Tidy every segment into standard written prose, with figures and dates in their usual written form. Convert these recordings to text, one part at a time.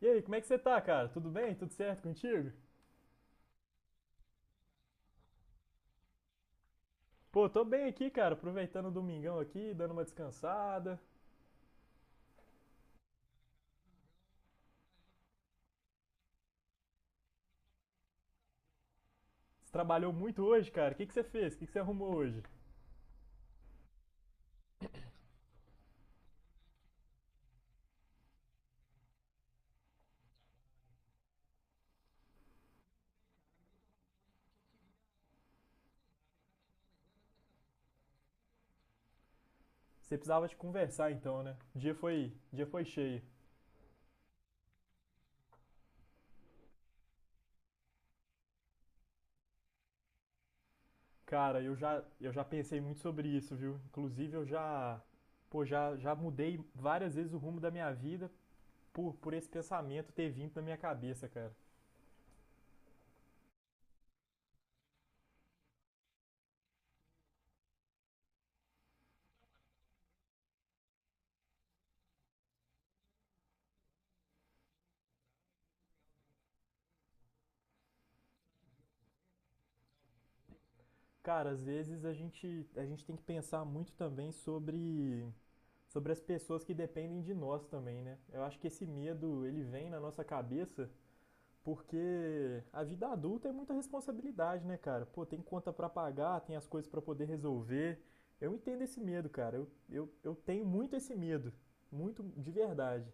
E aí, como é que você tá, cara? Tudo bem? Tudo certo contigo? Pô, tô bem aqui, cara, aproveitando o domingão aqui, dando uma descansada. Você trabalhou muito hoje, cara. O que que você fez? O que que você arrumou hoje? Você precisava de conversar então, né? O dia foi cheio. Cara, eu já pensei muito sobre isso, viu? Inclusive, eu já, pô, já mudei várias vezes o rumo da minha vida por esse pensamento ter vindo na minha cabeça, cara. Cara, às vezes a gente tem que pensar muito também sobre as pessoas que dependem de nós também, né? Eu acho que esse medo, ele vem na nossa cabeça porque a vida adulta é muita responsabilidade, né, cara? Pô, tem conta pra pagar, tem as coisas pra poder resolver. Eu entendo esse medo, cara. Eu tenho muito esse medo. Muito de verdade.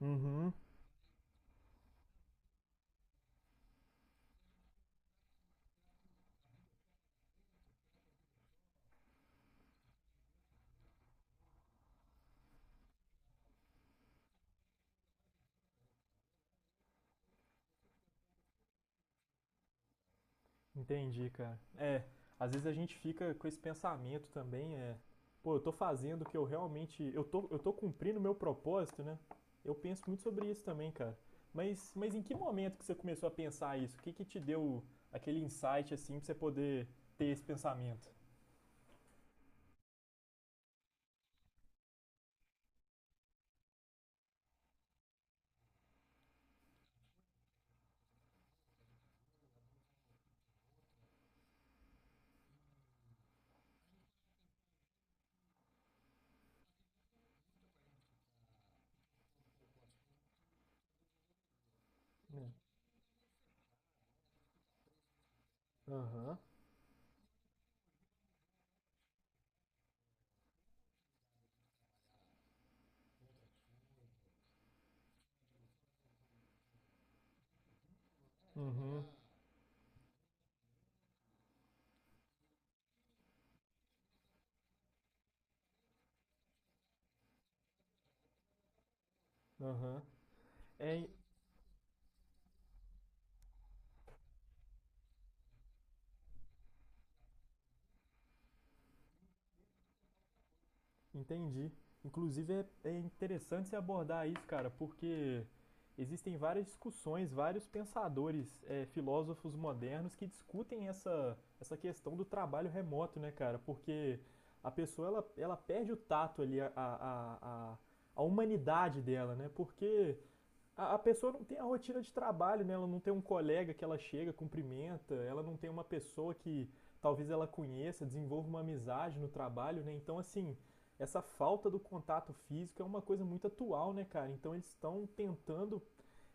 Uhum. Entendi, cara. É, às vezes a gente fica com esse pensamento também, é, pô, eu tô fazendo o que eu realmente, eu tô cumprindo o meu propósito, né? Eu penso muito sobre isso também, cara. Mas em que momento que você começou a pensar isso? O que que te deu aquele insight assim pra você poder ter esse pensamento? Hum. Aham, uhum, aham. É, entendi. Inclusive é, é interessante se abordar isso, cara, porque existem várias discussões, vários pensadores, é, filósofos modernos que discutem essa questão do trabalho remoto, né, cara? Porque a pessoa ela perde o tato ali, a humanidade dela, né? Porque a pessoa não tem a rotina de trabalho, né? Ela não tem um colega que ela chega, cumprimenta, ela não tem uma pessoa que talvez ela conheça, desenvolva uma amizade no trabalho, né? Então, assim, essa falta do contato físico é uma coisa muito atual, né, cara? Então, eles estão tentando,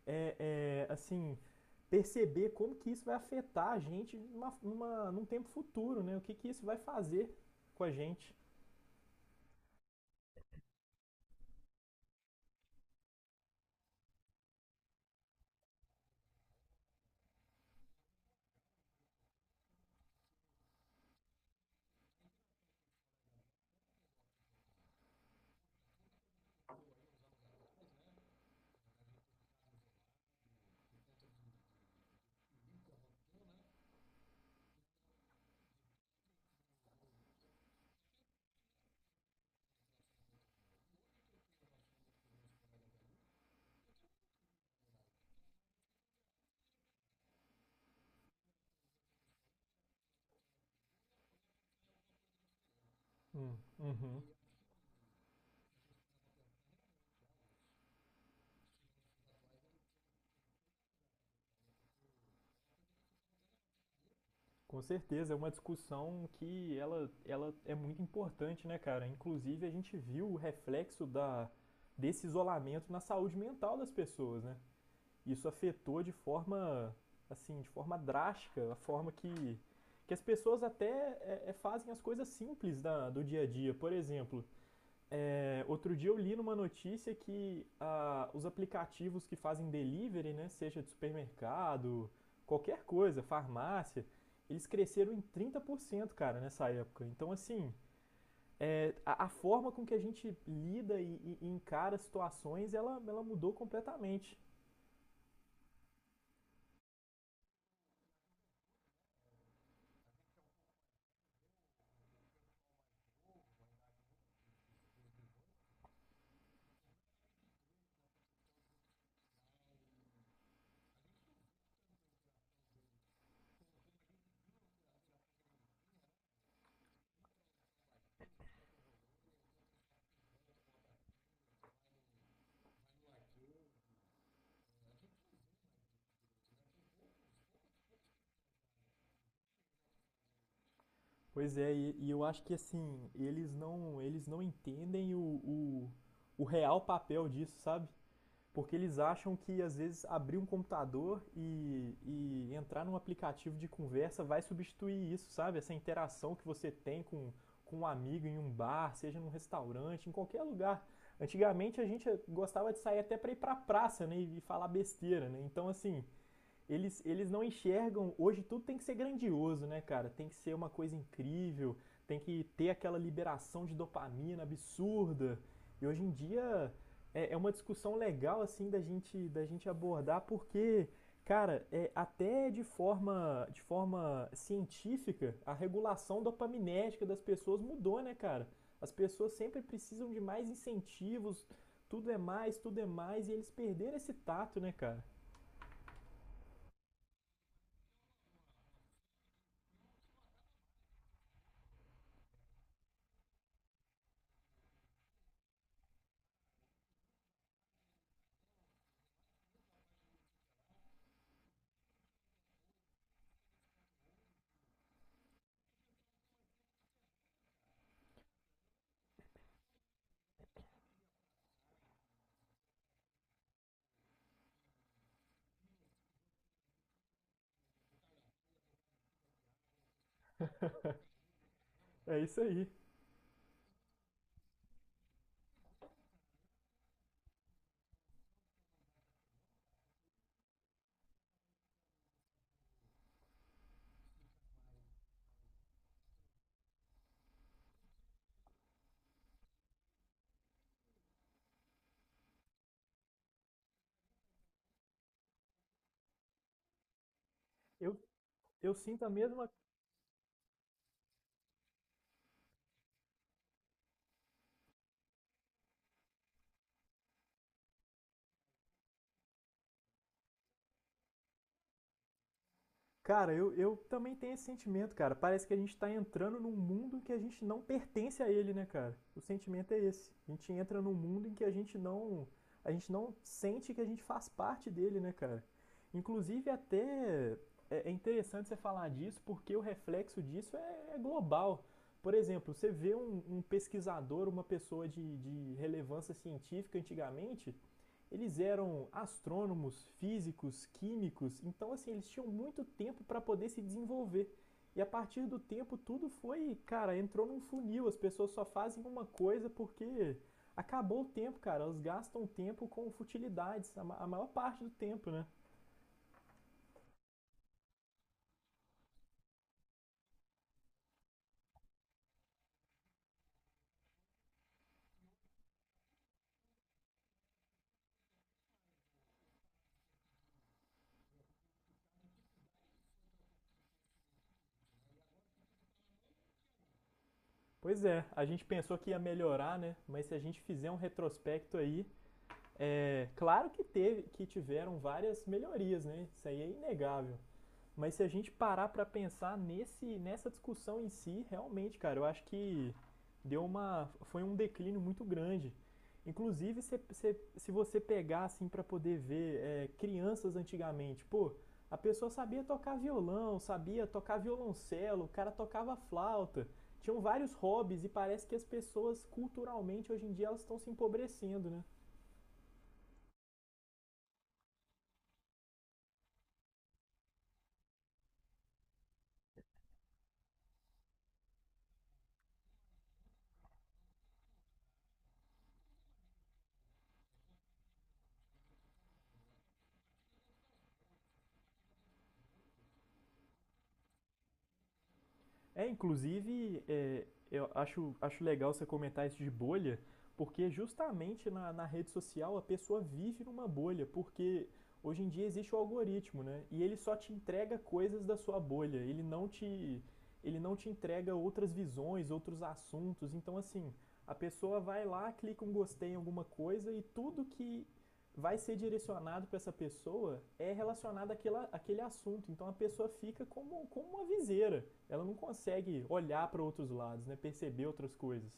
é, é, assim, perceber como que isso vai afetar a gente num tempo futuro, né? O que que isso vai fazer com a gente. Uhum. Com certeza, é uma discussão que ela é muito importante, né, cara? Inclusive, a gente viu o reflexo da, desse isolamento na saúde mental das pessoas, né? Isso afetou de forma, assim, de forma drástica, a forma que as pessoas até é, é, fazem as coisas simples da, do dia a dia. Por exemplo, é, outro dia eu li numa notícia que ah, os aplicativos que fazem delivery, né, seja de supermercado, qualquer coisa, farmácia, eles cresceram em 30%, cara, nessa época. Então, assim, é, a forma com que a gente lida e, e encara situações, ela mudou completamente. Pois é, e eu acho que, assim, eles não entendem o real papel disso, sabe? Porque eles acham que, às vezes, abrir um computador e entrar num aplicativo de conversa vai substituir isso, sabe? Essa interação que você tem com um amigo em um bar, seja num restaurante, em qualquer lugar. Antigamente a gente gostava de sair até para ir para a praça, né, e falar besteira, né? Então assim, eles não enxergam. Hoje tudo tem que ser grandioso, né, cara? Tem que ser uma coisa incrível, tem que ter aquela liberação de dopamina absurda. E hoje em dia é, é uma discussão legal, assim, da gente abordar, porque, cara, é, até de forma científica, a regulação dopaminética das pessoas mudou, né, cara? As pessoas sempre precisam de mais incentivos, tudo é mais, e eles perderam esse tato, né, cara? É isso aí. Eu, Eu sinto a mesma. Cara, eu também tenho esse sentimento, cara. Parece que a gente tá entrando num mundo em que a gente não pertence a ele, né, cara? O sentimento é esse. A gente entra num mundo em que a gente não. A gente não sente que a gente faz parte dele, né, cara? Inclusive, até é interessante você falar disso, porque o reflexo disso é global. Por exemplo, você vê um pesquisador, uma pessoa de relevância científica antigamente, eles eram astrônomos, físicos, químicos, então assim, eles tinham muito tempo para poder se desenvolver. E a partir do tempo tudo foi, cara, entrou num funil, as pessoas só fazem uma coisa porque acabou o tempo, cara. Elas gastam tempo com futilidades, a maior parte do tempo, né? Pois é, a gente pensou que ia melhorar, né? Mas se a gente fizer um retrospecto aí, é claro que teve, que tiveram várias melhorias, né? Isso aí é inegável. Mas se a gente parar para pensar nessa discussão em si, realmente, cara, eu acho que deu uma foi um declínio muito grande. Inclusive, se você pegar assim para poder ver é, crianças antigamente, pô, a pessoa sabia tocar violão, sabia tocar violoncelo, o cara tocava flauta, tinham vários hobbies e parece que as pessoas culturalmente hoje em dia elas estão se empobrecendo, né? É, inclusive, é, acho legal você comentar isso de bolha, porque justamente na, na rede social a pessoa vive numa bolha, porque hoje em dia existe o algoritmo, né? E ele só te entrega coisas da sua bolha, ele não te entrega outras visões, outros assuntos. Então, assim, a pessoa vai lá, clica um gostei em alguma coisa e tudo que vai ser direcionado para essa pessoa é relacionado àquela, àquele assunto. Então a pessoa fica como, como uma viseira, ela não consegue olhar para outros lados, né? Perceber outras coisas.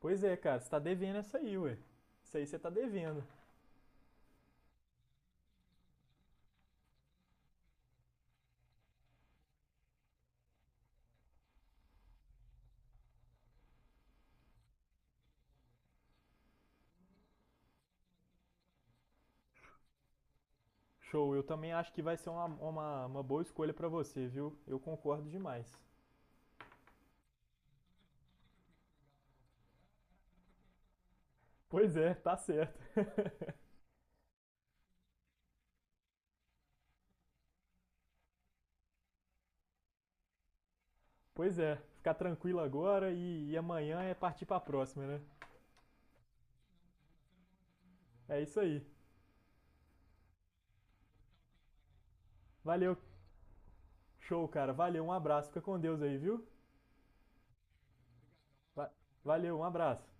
Pois é, cara, você tá devendo essa aí, ué. Isso aí você tá devendo. Show, eu também acho que vai ser uma boa escolha para você, viu? Eu concordo demais. Pois é, tá certo. Pois é, ficar tranquilo agora e amanhã é partir pra próxima, né? É isso aí. Valeu, show, cara. Valeu, um abraço. Fica com Deus aí, viu? Va- Valeu, um abraço.